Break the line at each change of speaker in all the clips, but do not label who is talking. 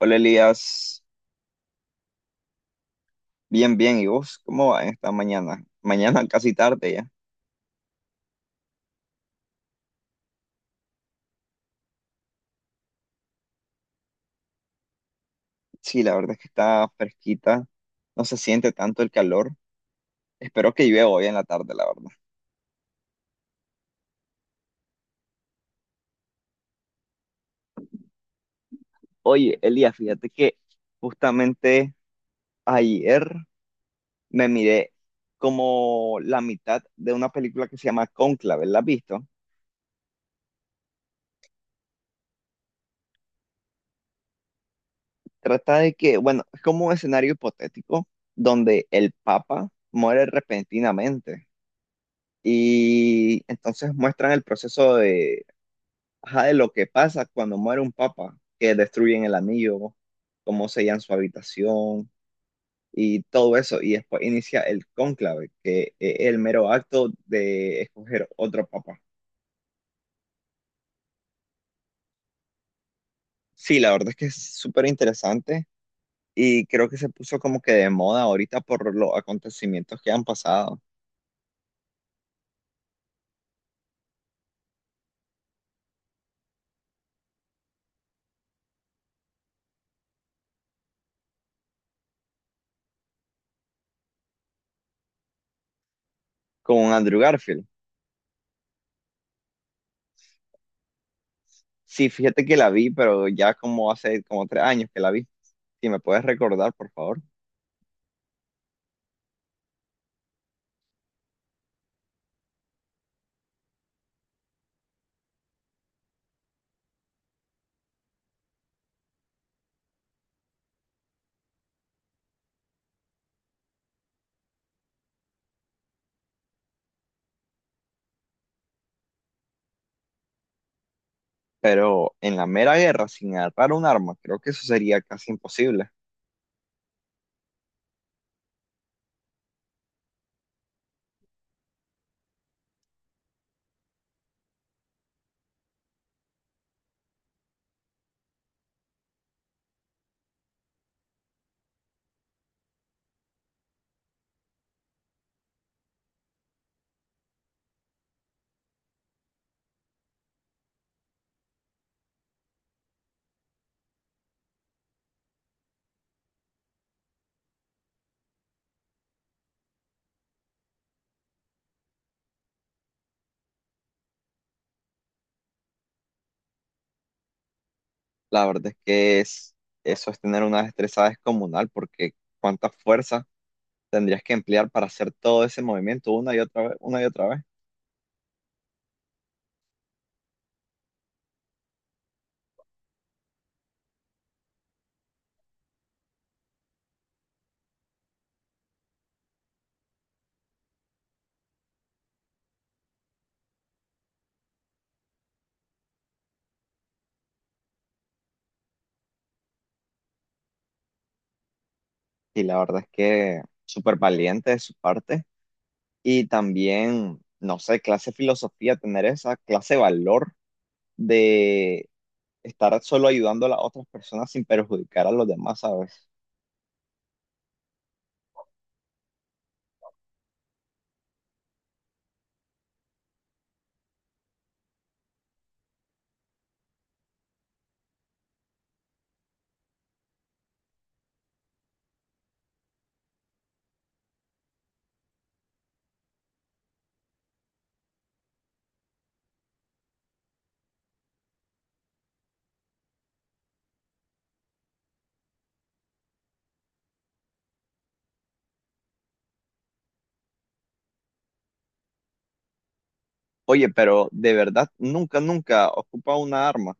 Hola Elías, bien, bien. ¿Y vos cómo va esta mañana? Mañana casi tarde ya. Sí, la verdad es que está fresquita, no se siente tanto el calor. Espero que llueva hoy en la tarde, la verdad. Oye, Elías, fíjate que justamente ayer me miré como la mitad de una película que se llama Cónclave, ¿la has visto? Trata de que, bueno, es como un escenario hipotético donde el Papa muere repentinamente. Y entonces muestran el proceso, ajá, de lo que pasa cuando muere un papa, que destruyen el anillo, cómo sellan su habitación y todo eso. Y después inicia el cónclave, que es el mero acto de escoger otro papa. Sí, la verdad es que es súper interesante y creo que se puso como que de moda ahorita por los acontecimientos que han pasado con Andrew Garfield. Sí, fíjate que la vi, pero ya como hace como 3 años que la vi. Si me puedes recordar, por favor. Pero en la mera guerra, sin agarrar un arma, creo que eso sería casi imposible. La verdad es que es, eso es tener una destreza descomunal, porque cuánta fuerza tendrías que emplear para hacer todo ese movimiento una y otra vez, una y otra vez. Y la verdad es que súper valiente de su parte. Y también, no sé, clase de filosofía, tener esa clase de valor de estar solo ayudando a las otras personas sin perjudicar a los demás, ¿sabes? Oye, pero de verdad, nunca, nunca ocupa una arma.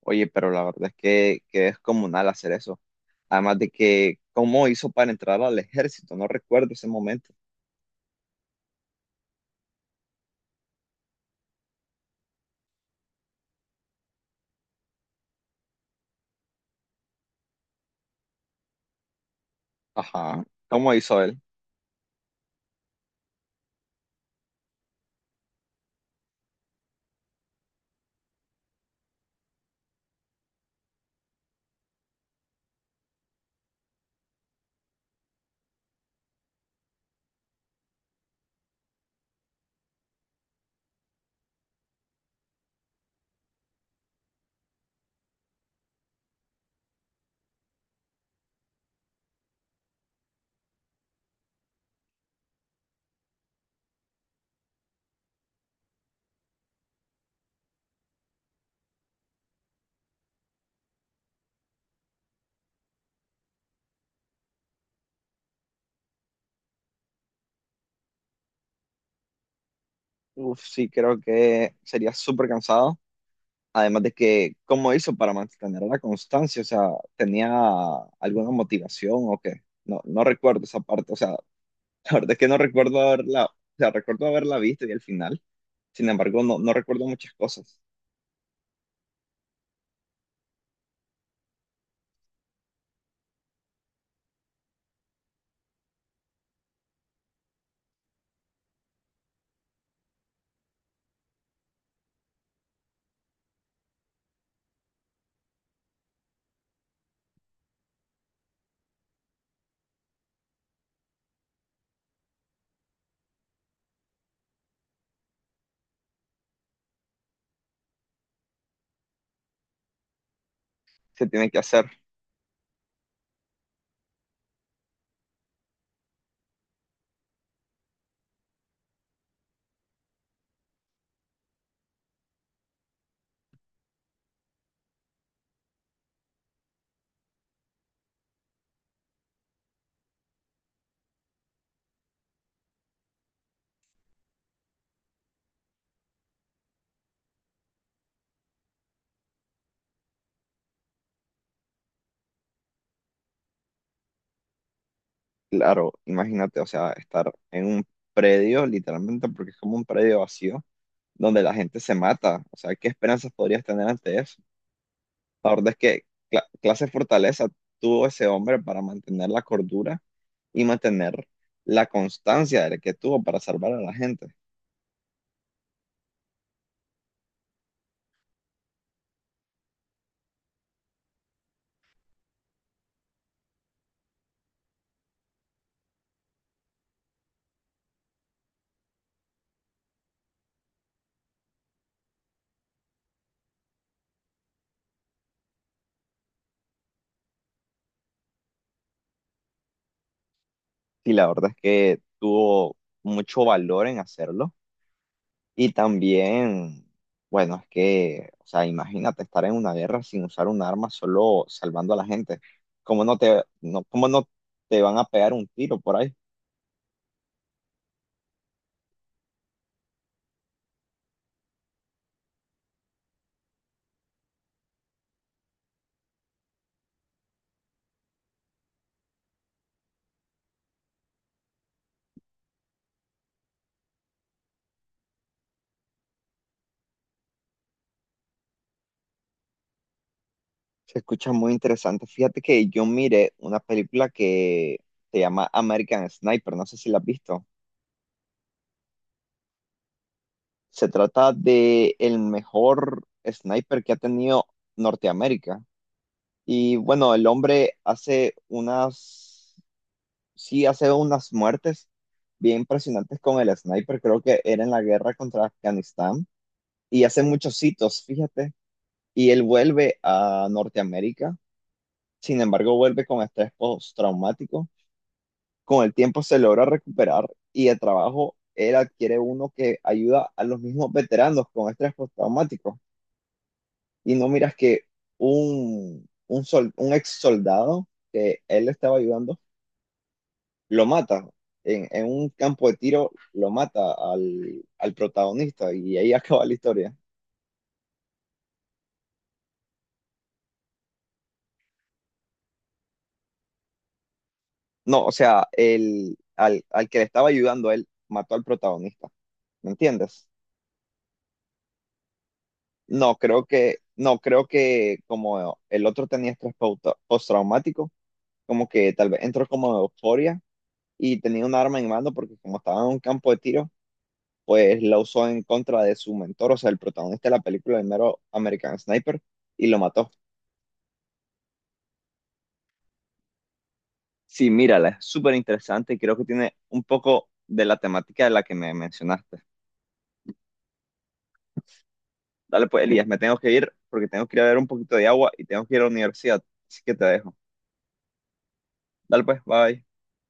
Oye, pero la verdad es que es comunal hacer eso. Además de que, ¿cómo hizo para entrar al ejército? No recuerdo ese momento. Ajá. ¿Cómo hizo él? Uf, sí, creo que sería súper cansado. Además de que, ¿cómo hizo para mantener la constancia? O sea, ¿tenía alguna motivación o qué? No, no recuerdo esa parte. O sea, la verdad es que no recuerdo haberla, o sea, recuerdo haberla visto y el final. Sin embargo, no, no recuerdo muchas cosas que tiene que hacer. Claro, imagínate, o sea, estar en un predio, literalmente, porque es como un predio vacío, donde la gente se mata. O sea, ¿qué esperanzas podrías tener ante eso? La verdad es que clase de fortaleza tuvo ese hombre para mantener la cordura y mantener la constancia de que tuvo para salvar a la gente. Y la verdad es que tuvo mucho valor en hacerlo. Y también, bueno, es que, o sea, imagínate estar en una guerra sin usar un arma, solo salvando a la gente. ¿Cómo no te van a pegar un tiro por ahí? Se escucha muy interesante. Fíjate que yo miré una película que se llama American Sniper, no sé si la has visto. Se trata de el mejor sniper que ha tenido Norteamérica. Y bueno, el hombre hace unas sí hace unas muertes bien impresionantes con el sniper, creo que era en la guerra contra Afganistán, y hace muchos hitos, fíjate, y él vuelve a Norteamérica, sin embargo vuelve con estrés postraumático. Con el tiempo se logra recuperar y de trabajo él adquiere uno que ayuda a los mismos veteranos con estrés postraumático, y no miras que un ex soldado que él estaba ayudando lo mata. En un campo de tiro lo mata al protagonista y ahí acaba la historia. No, o sea, al que le estaba ayudando a él mató al protagonista. ¿Me entiendes? No, creo que como el otro tenía estrés postraumático, como que tal vez entró como de euforia y tenía un arma en mano porque como estaba en un campo de tiro, pues la usó en contra de su mentor, o sea, el protagonista de la película, el mero American Sniper, y lo mató. Sí, mírala, es súper interesante y creo que tiene un poco de la temática de la que me mencionaste. Dale pues, Elías, me tengo que ir porque tengo que ir a ver un poquito de agua y tengo que ir a la universidad, así que te dejo. Dale pues, bye.